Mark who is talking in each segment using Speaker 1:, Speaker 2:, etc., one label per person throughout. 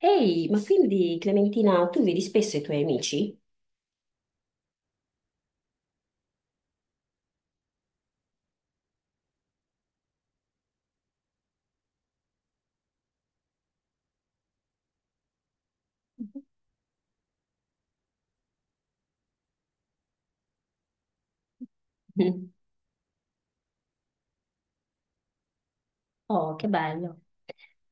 Speaker 1: Ehi, ma quindi Clementina, tu vedi spesso i tuoi amici? Mm. Oh, che bello.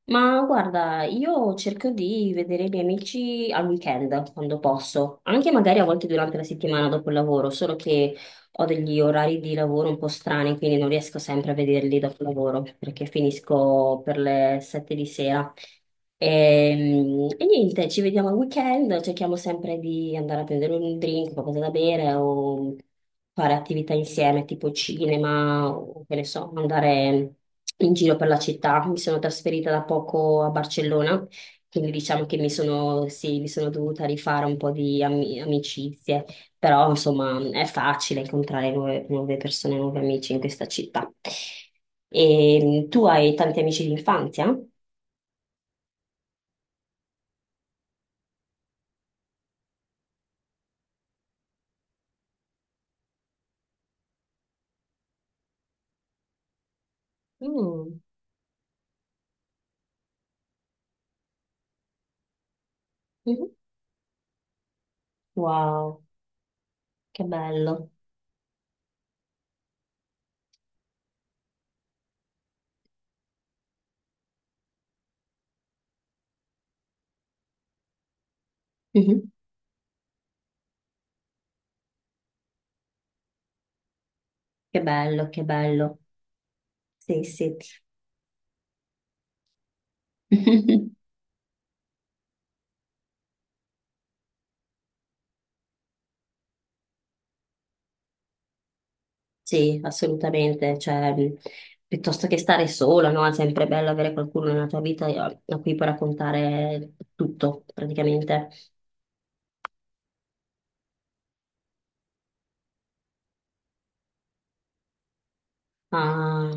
Speaker 1: Ma guarda, io cerco di vedere i miei amici al weekend, quando posso, anche magari a volte durante la settimana dopo il lavoro, solo che ho degli orari di lavoro un po' strani, quindi non riesco sempre a vederli dopo il lavoro, perché finisco per le 7 di sera. E, niente, ci vediamo al weekend, cerchiamo sempre di andare a prendere un drink, qualcosa da bere o fare attività insieme, tipo cinema, o che ne so, andare in giro per la città. Mi sono trasferita da poco a Barcellona, quindi diciamo che mi sono, sì, mi sono dovuta rifare un po' di amicizie, però insomma è facile incontrare nuove persone, nuovi amici in questa città. E tu hai tanti amici di infanzia? Mm. Mhm. Wow, che bello. Mhm. Che bello, che bello. Sì, sì. Sì, assolutamente, cioè, piuttosto che stare sola, no? È sempre bello avere qualcuno nella tua vita a cui puoi raccontare tutto, praticamente. Ah,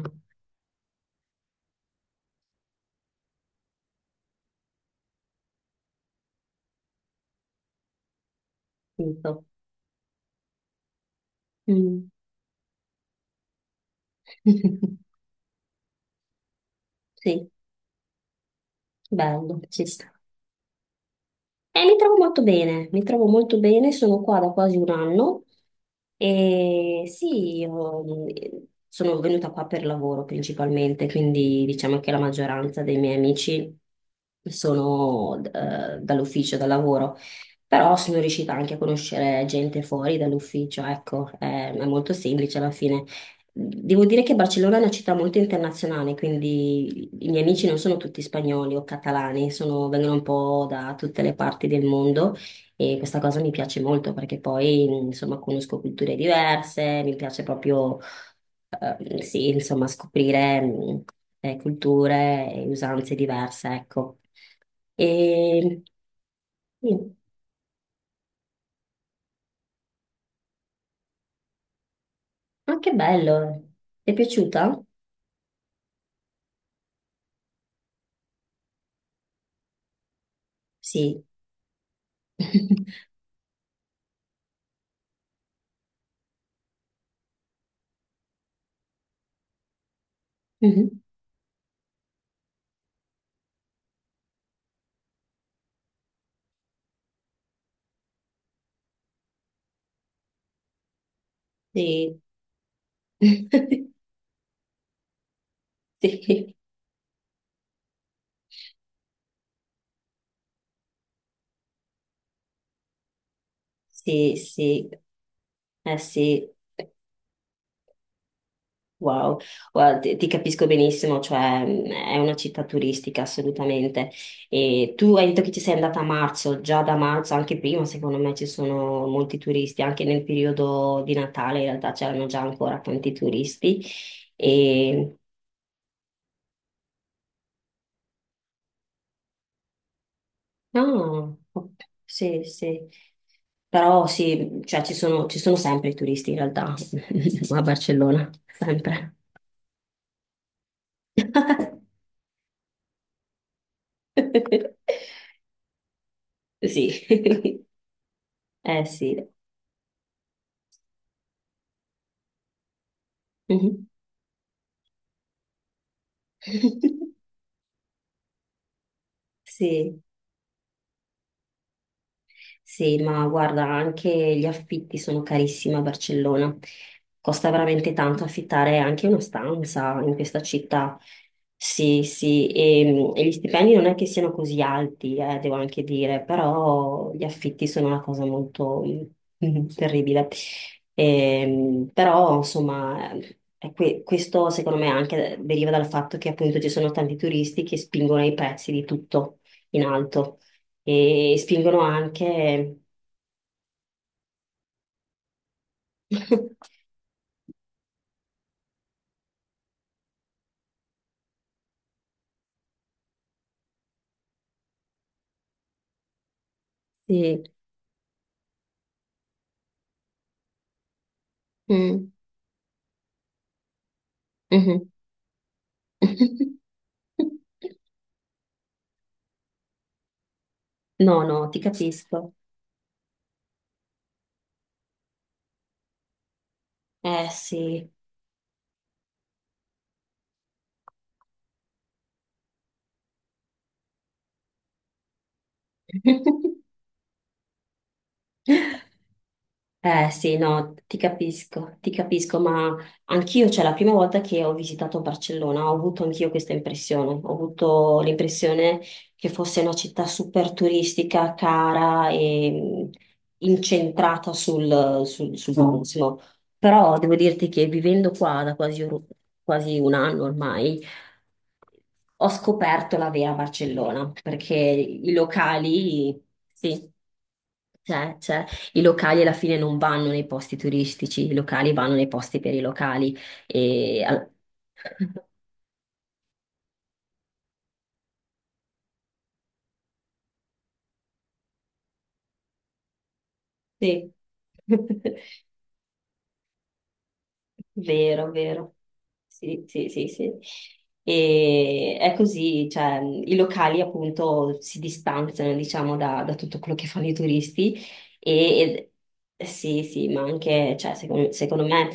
Speaker 1: tutto. Mm. Sì, bello, ci sta. E mi trovo molto bene, mi trovo molto bene, sono qua da quasi un anno. E sì, io sono venuta qua per lavoro principalmente, quindi diciamo che la maggioranza dei miei amici sono dall'ufficio, dal lavoro, però sono riuscita anche a conoscere gente fuori dall'ufficio, ecco, è molto semplice alla fine. Devo dire che Barcellona è una città molto internazionale, quindi i miei amici non sono tutti spagnoli o catalani, sono- vengono un po' da tutte le parti del mondo. E questa cosa mi piace molto perché poi, insomma, conosco culture diverse, mi piace proprio, sì, insomma, scoprire, culture e usanze diverse, ecco. E sì, ma che bello! Ti è piaciuta? Sì. Mhm. Sì. Sì, sì, sì. Eh sì. Wow, guarda, ti capisco benissimo, cioè è una città turistica assolutamente. E tu hai detto che ci sei andata a marzo, già da marzo, anche prima, secondo me ci sono molti turisti, anche nel periodo di Natale in realtà c'erano già ancora tanti turisti. E... No, ok, sì, sì, però sì, cioè ci sono sempre i turisti in realtà a Barcellona, sempre. Sì, eh sì. Mhm. Sì. Sì, ma guarda, anche gli affitti sono carissimi a Barcellona. Costa veramente tanto affittare anche una stanza in questa città. Sì, sì, e gli stipendi non è che siano così alti, devo anche dire, però gli affitti sono una cosa molto terribile. Però, insomma, è que- questo secondo me anche deriva dal fatto che appunto ci sono tanti turisti che spingono i prezzi di tutto in alto e spingono anche... Sì. Mm. Mhm. No, no, ti capisco. Eh sì. Eh sì, no, ti capisco, ma anch'io, cioè la prima volta che ho visitato Barcellona, ho avuto anch'io questa impressione, ho avuto l'impressione che fosse una città super turistica, cara e incentrata sul turismo. Però devo dirti che vivendo qua da quasi un anno ormai, ho scoperto la vera Barcellona, perché i locali, sì. C'è, c'è. I locali alla fine non vanno nei posti turistici, i locali vanno nei posti per i locali. E... al- Sì. Vero, vero. Sì, sì, sì, sì. E è così, cioè, i locali appunto si distanziano, diciamo, da tutto quello che fanno i turisti e, e- sì, sì, ma anche, cioè, secondo me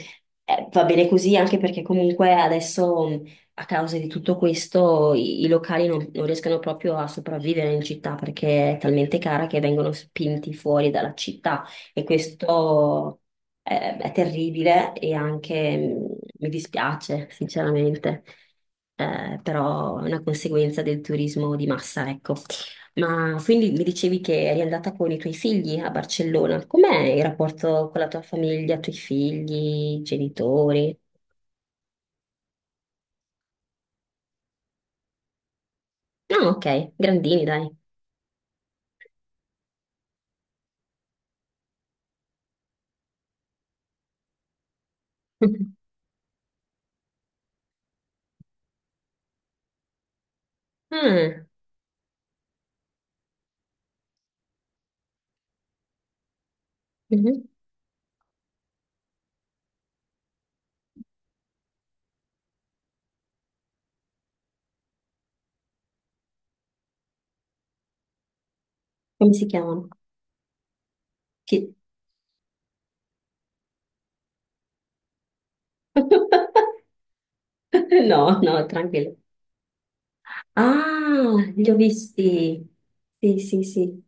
Speaker 1: va bene così anche perché comunque adesso a causa di tutto questo i locali non riescono proprio a sopravvivere in città perché è talmente cara che vengono spinti fuori dalla città e questo è terribile e anche mi dispiace, sinceramente. Però è una conseguenza del turismo di massa, ecco. Ma quindi mi dicevi che eri andata con i tuoi figli a Barcellona. Com'è il rapporto con la tua famiglia, i tuoi figli, i genitori? No, ok, grandini, dai. Ah, mhm. Come si chiamano? Chi- No, no, tranquillo. Ah, li ho visti. Sì, sì, sì.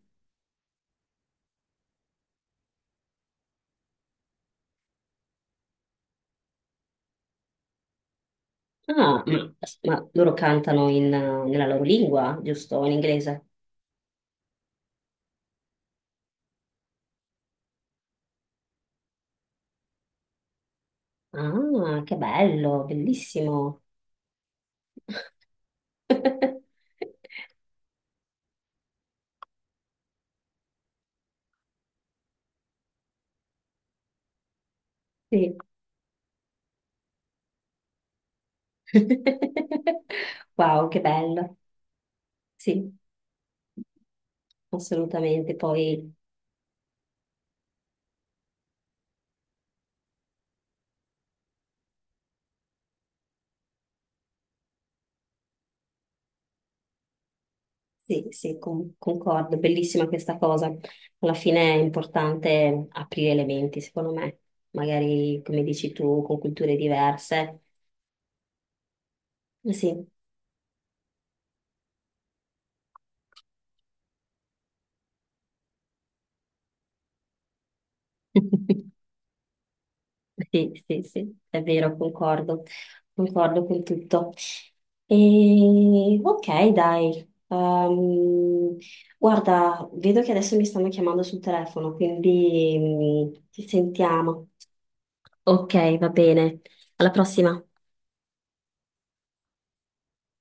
Speaker 1: Ah, ma loro cantano in, nella loro lingua, giusto? In inglese. Ah, che bello, bellissimo. Sì. Wow, che bello. Sì, assolutamente. Poi sì, sì, con- concordo, bellissima questa cosa. Alla fine è importante aprire le menti, secondo me. Magari, come dici tu, con culture diverse. Sì. Sì, sì, sì, è vero, concordo, concordo con tutto. E, ok, dai. Guarda, vedo che adesso mi stanno chiamando sul telefono, quindi ci sentiamo. Ok, va bene. Alla prossima.